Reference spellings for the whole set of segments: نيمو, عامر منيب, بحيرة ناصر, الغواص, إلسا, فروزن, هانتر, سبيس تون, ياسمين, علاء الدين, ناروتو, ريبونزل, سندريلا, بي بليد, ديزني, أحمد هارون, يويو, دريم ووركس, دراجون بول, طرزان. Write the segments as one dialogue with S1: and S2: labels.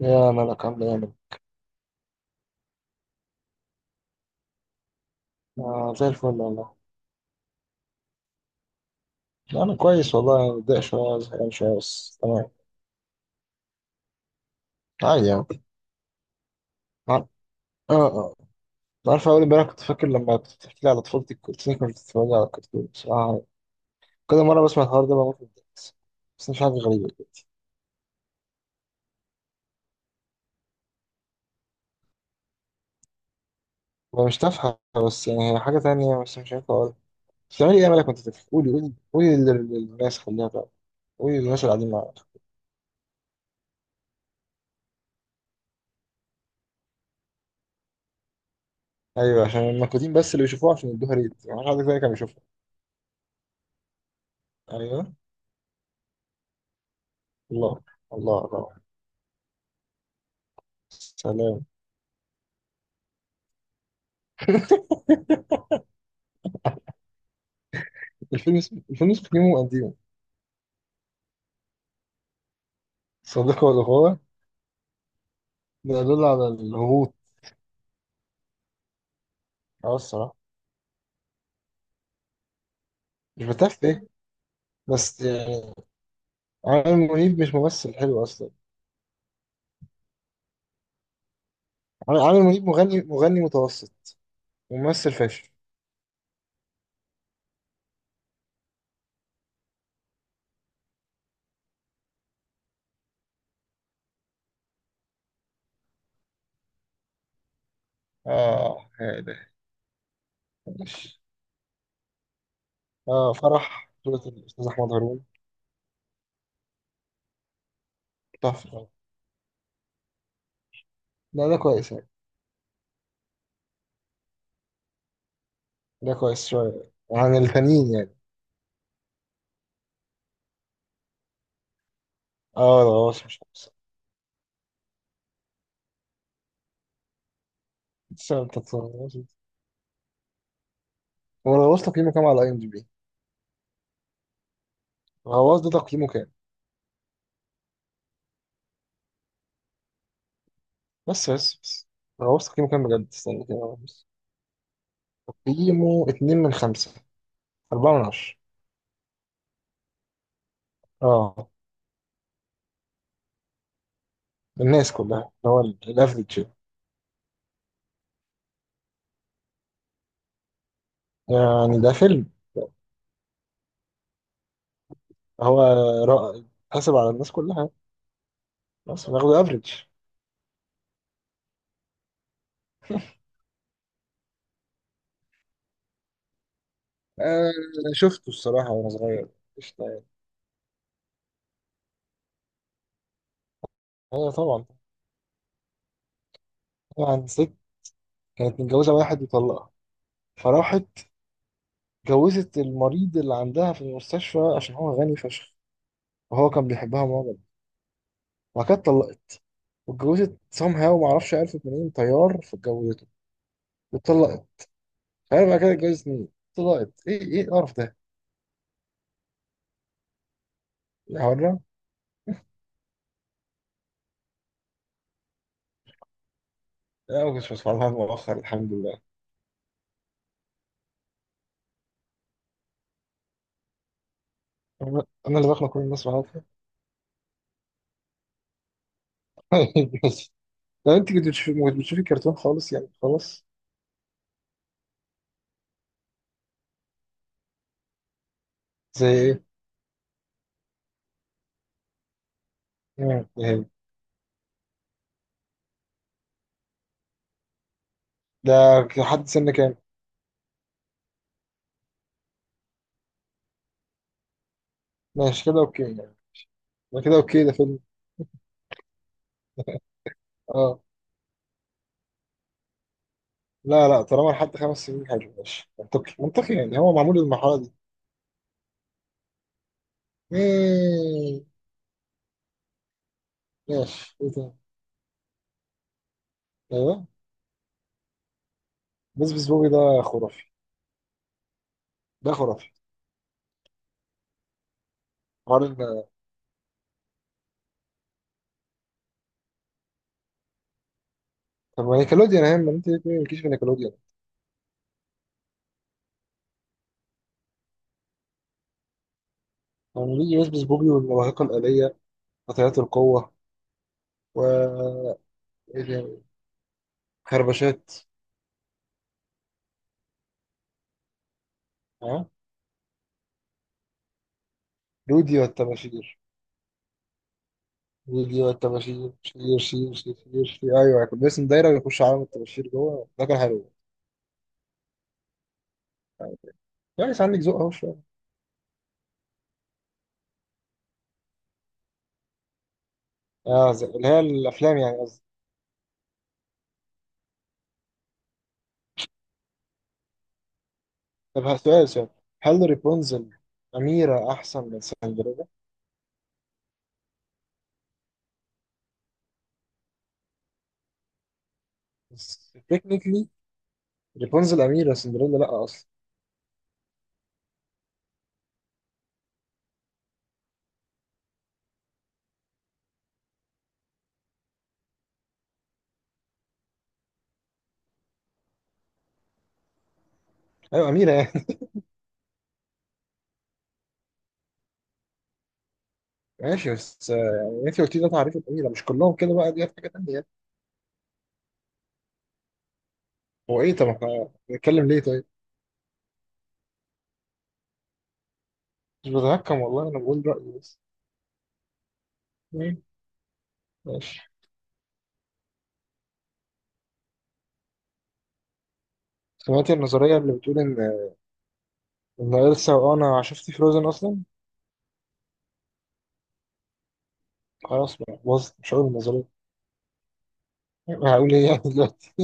S1: يا ملك عامل ايه يا ملك؟ آه زي الفل والله. انا كويس والله، متضايق شويه، زهقان شويه، بس تمام. عادي يعني. ع- اه اه. عارف، اول امبارح كنت فاكر لما كنت بتحكي لي على طفولتك، كنت فاكر كنت بتتفرج على كرتون بصراحه. كل مره بسمع الحوار ده بموت من الضحك، بس. مش حاجه غريبه دلوقتي. هو مش تافهه، بس يعني هي حاجه تانية، بس مش عارف اقولها. بتعملي ايه يا ملك وانت طفل؟ قولي قولي قولي للناس خليها تعرف. قولي للناس اللي قاعدين معاك. ايوه، عشان المكودين بس اللي بيشوفوها عشان يدوها، ريت ما حدش حد تاني كان بيشوفها. ايوه. الله. الله الله. سلام. الفيلم اسمه نيمو وقديمه. صديقه والغاوة. ده يدل على الهبوط. اه الصراحة. مش بتعرف ايه. بس يعني عامر منيب مش ممثل حلو اصلا. عامر منيب مغني متوسط، وممثل فاشل. اه يا إلهي. ماشي. اه فرح بطولة الأستاذ أحمد هارون. تحفة. لا ده كويس يعني. ده كويس شوية عن التانيين يعني. اه الغواص مش أحسن. بس أنت تتفرج. هو الغواص تقييمه كام على اي ام دي بي؟ الغواص ده تقييمه كام؟ بس بس بس. غوصت تقييمه كام بجد، استنى كده بس. تقييمه 2/5. 4/10. اه الناس كلها اللي هو الافريج. يعني ده فيلم هو رائع. حاسب على الناس كلها. بس ناخده افريج. آه شفته الصراحة وأنا صغير. قشطة يعني. أيوة طبعا. طبعا ست كانت متجوزة واحد وطلقها، فراحت جوزت المريض اللي عندها في المستشفى عشان هو غني فشخ، وهو كان بيحبها معجب. وبعد كده اتطلقت، واتجوزت سام هاو، معرفش عرفت منين، طيار فاتجوزته، واتطلقت. مش عارف بعد كده اتجوزت مين، اتطلقت، ايه ايه القرف ده؟ يا حرام. لا ما كنتش بسمع لها مؤخر الحمد لله. انا اللي بخلق كل الناس معاها. بس لو انت كنت بتشوفي ما كنت بتشوفي كرتون خالص يعني خلاص. زي ايه؟ إيه. ده لحد سن كام؟ ماشي كده اوكي يعني. ده كده اوكي، ده فيلم. اه. لا لا، طالما لحد 5 سنين حلو، ماشي، منطقي منطقي يعني، هو معمول للمرحلة دي. مم، ماشي، ايه تاني؟ ايوه. بس بس بوبي ده خرافي. ده خرافي. حوار طب ما نيكلوديان اهم، انت ليه مالكيش في نيكلوديان؟ يعني بيجي بس بس بوبي والمواهقة الآلية، قطيعات القوة، و... ايه تاني؟ خربشات. ها. رودي والتباشير. رودي والتباشير، شير شير شير شير شير، ايوه كان باسم دايره ويخش عالم الطباشير جوه، ده كان حلو. يعني عندك ذوق اهو شويه. اه، اللي هي الافلام يعني قصدي. طب سؤال، سؤال. هل ريبونزل اميره احسن من سندريلا؟ تكنيكلي ريبونزل اميره، سندريلا لا اصلا. ايوه اميره يعني. ماشي، بس يعني انت قلت لي ده تعريف الاميره، مش كلهم كده بقى، دي حاجه تانيه يعني. هو ايه، طب احنا بنتكلم ليه طيب؟ مش بتهكم والله، انا بقول رايي بس. مم، ماشي. سمعت النظريه اللي بتقول ان إلسا، وانا شفت فروزن اصلا. خلاص بقى باظت، مش هقول النظريه. هقول ايه يعني دلوقتي؟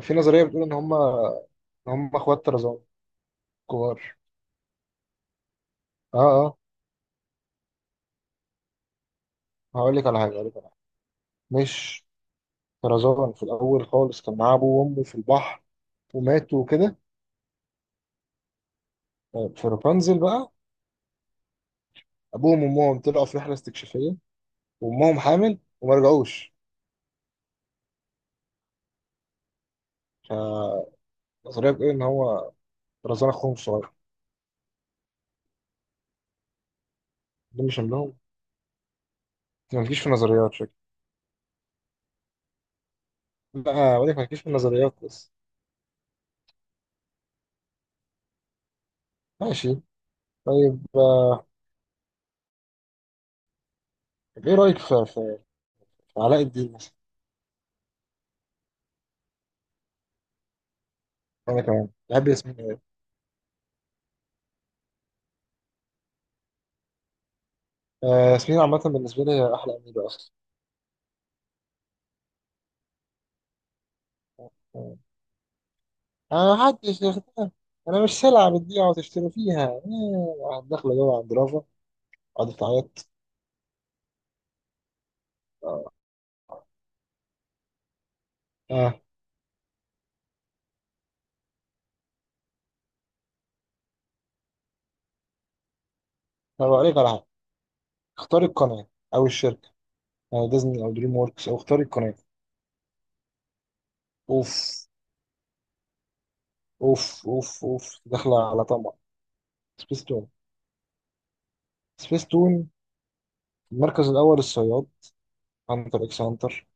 S1: في نظريه بتقول ان هم اخوات طرزان كبار. اه اه. هقول لك على حاجه. مش طرزان في الاول خالص كان معاه ابوه وامه في البحر، وماتوا وكده. في رابنزل بقى، ابوهم وامهم طلعوا في رحله استكشافيه، وامهم حامل وما رجعوش. فالنظريه بتقول ان هو رزان اخوهم الصغير. ده مش لهم. ما تجيش في النظريات شكل. لا وليك ما تجيش في النظريات بس. ماشي، طيب طب ايه رايك في علاء الدين مثلا؟ انا كمان بحب ياسمين أوي. ياسمين عامه بالنسبه لي هي احلى اميره اصلا. محدش ياخدها. انا مش سلعه بتبيع وتشتري فيها. واحد داخله جوه عند رافا، قاعده تعيط. اه. آه، طب اوريك على حاجه. اختاري القناه او الشركه. ديزني او دريم ووركس، او اختاري القناه. اوف اوف اوف اوف داخله على طمع. سبيس تون. سبيس تون، المركز الاول الصياد، هانتر اكس هانتر.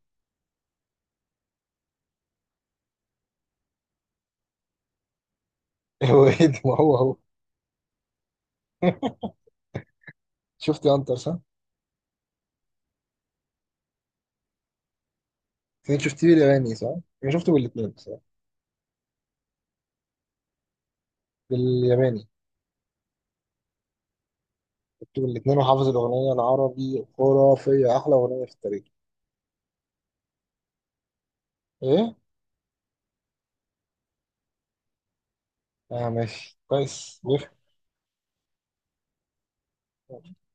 S1: هو ايه ده؟ ما هو هو. شفتي هانتر صح؟ انت شفتيه بالياباني صح؟ انا شفته بالاثنين صح؟ بالياباني شفته بالاثنين، وحافظ الاغنيه العربي خرافيه، احلى اغنيه في التاريخ. ايه؟ اه ماشي كويس بيفهم.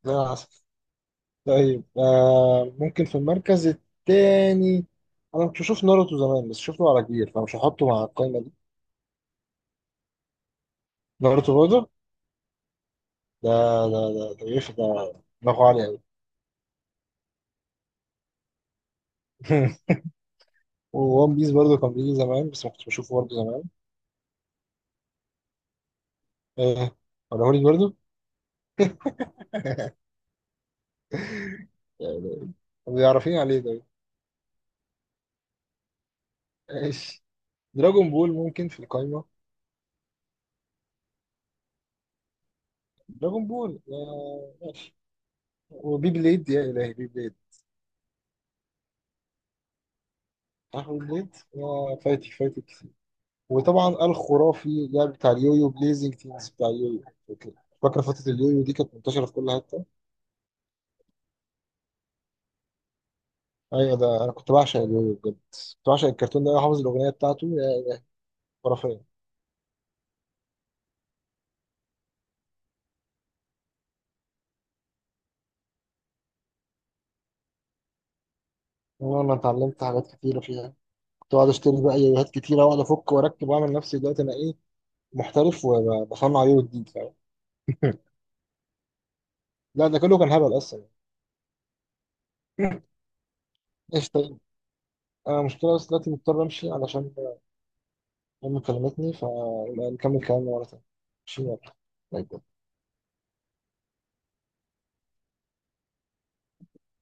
S1: زي العسل. طيب ممكن في المركز التاني. انا كنت بشوف ناروتو زمان، بس شفته على كبير فمش هحطه مع القائمه دي. ناروتو برضه. ده ده دماغه عالي قوي. وون بيس برضه كان بيجي زمان، بس ما كنتش بشوفه برضه زمان. ايه؟ ولا برضه يعني، بيعرفين عليه ده. ماشي. دراجون بول ممكن في القائمه. دراجون بول ماشي. وبي بليد، يا الهي بي بليد. عارف بي بليد، يا فايتك فايتك. وطبعا الخرافي لعب بتاع اليويو، بليزنج تيمز بتاع اليويو، فاكر؟ فاكر فترة اليويو دي كانت منتشرة في كل حتة. ايوه، ده انا كنت بعشق اليويو بجد. كنت بعشق الكرتون ده، أنا حافظ الاغنية بتاعته هي خرافية. انا اتعلمت حاجات كتيرة فيها. كنت بقعد اشتري بقى يويوهات كتيرة واقعد افك واركب واعمل نفسي دلوقتي انا ايه، محترف، وبصنع يويو جديد، فاهم. لا ده كله كان هبل اصلا. ايش طيب. انا مشكلة بس دلوقتي مضطر امشي علشان امي كلمتني، فنكمل كلامنا مرة تانية. ماشي يلا. باي باي.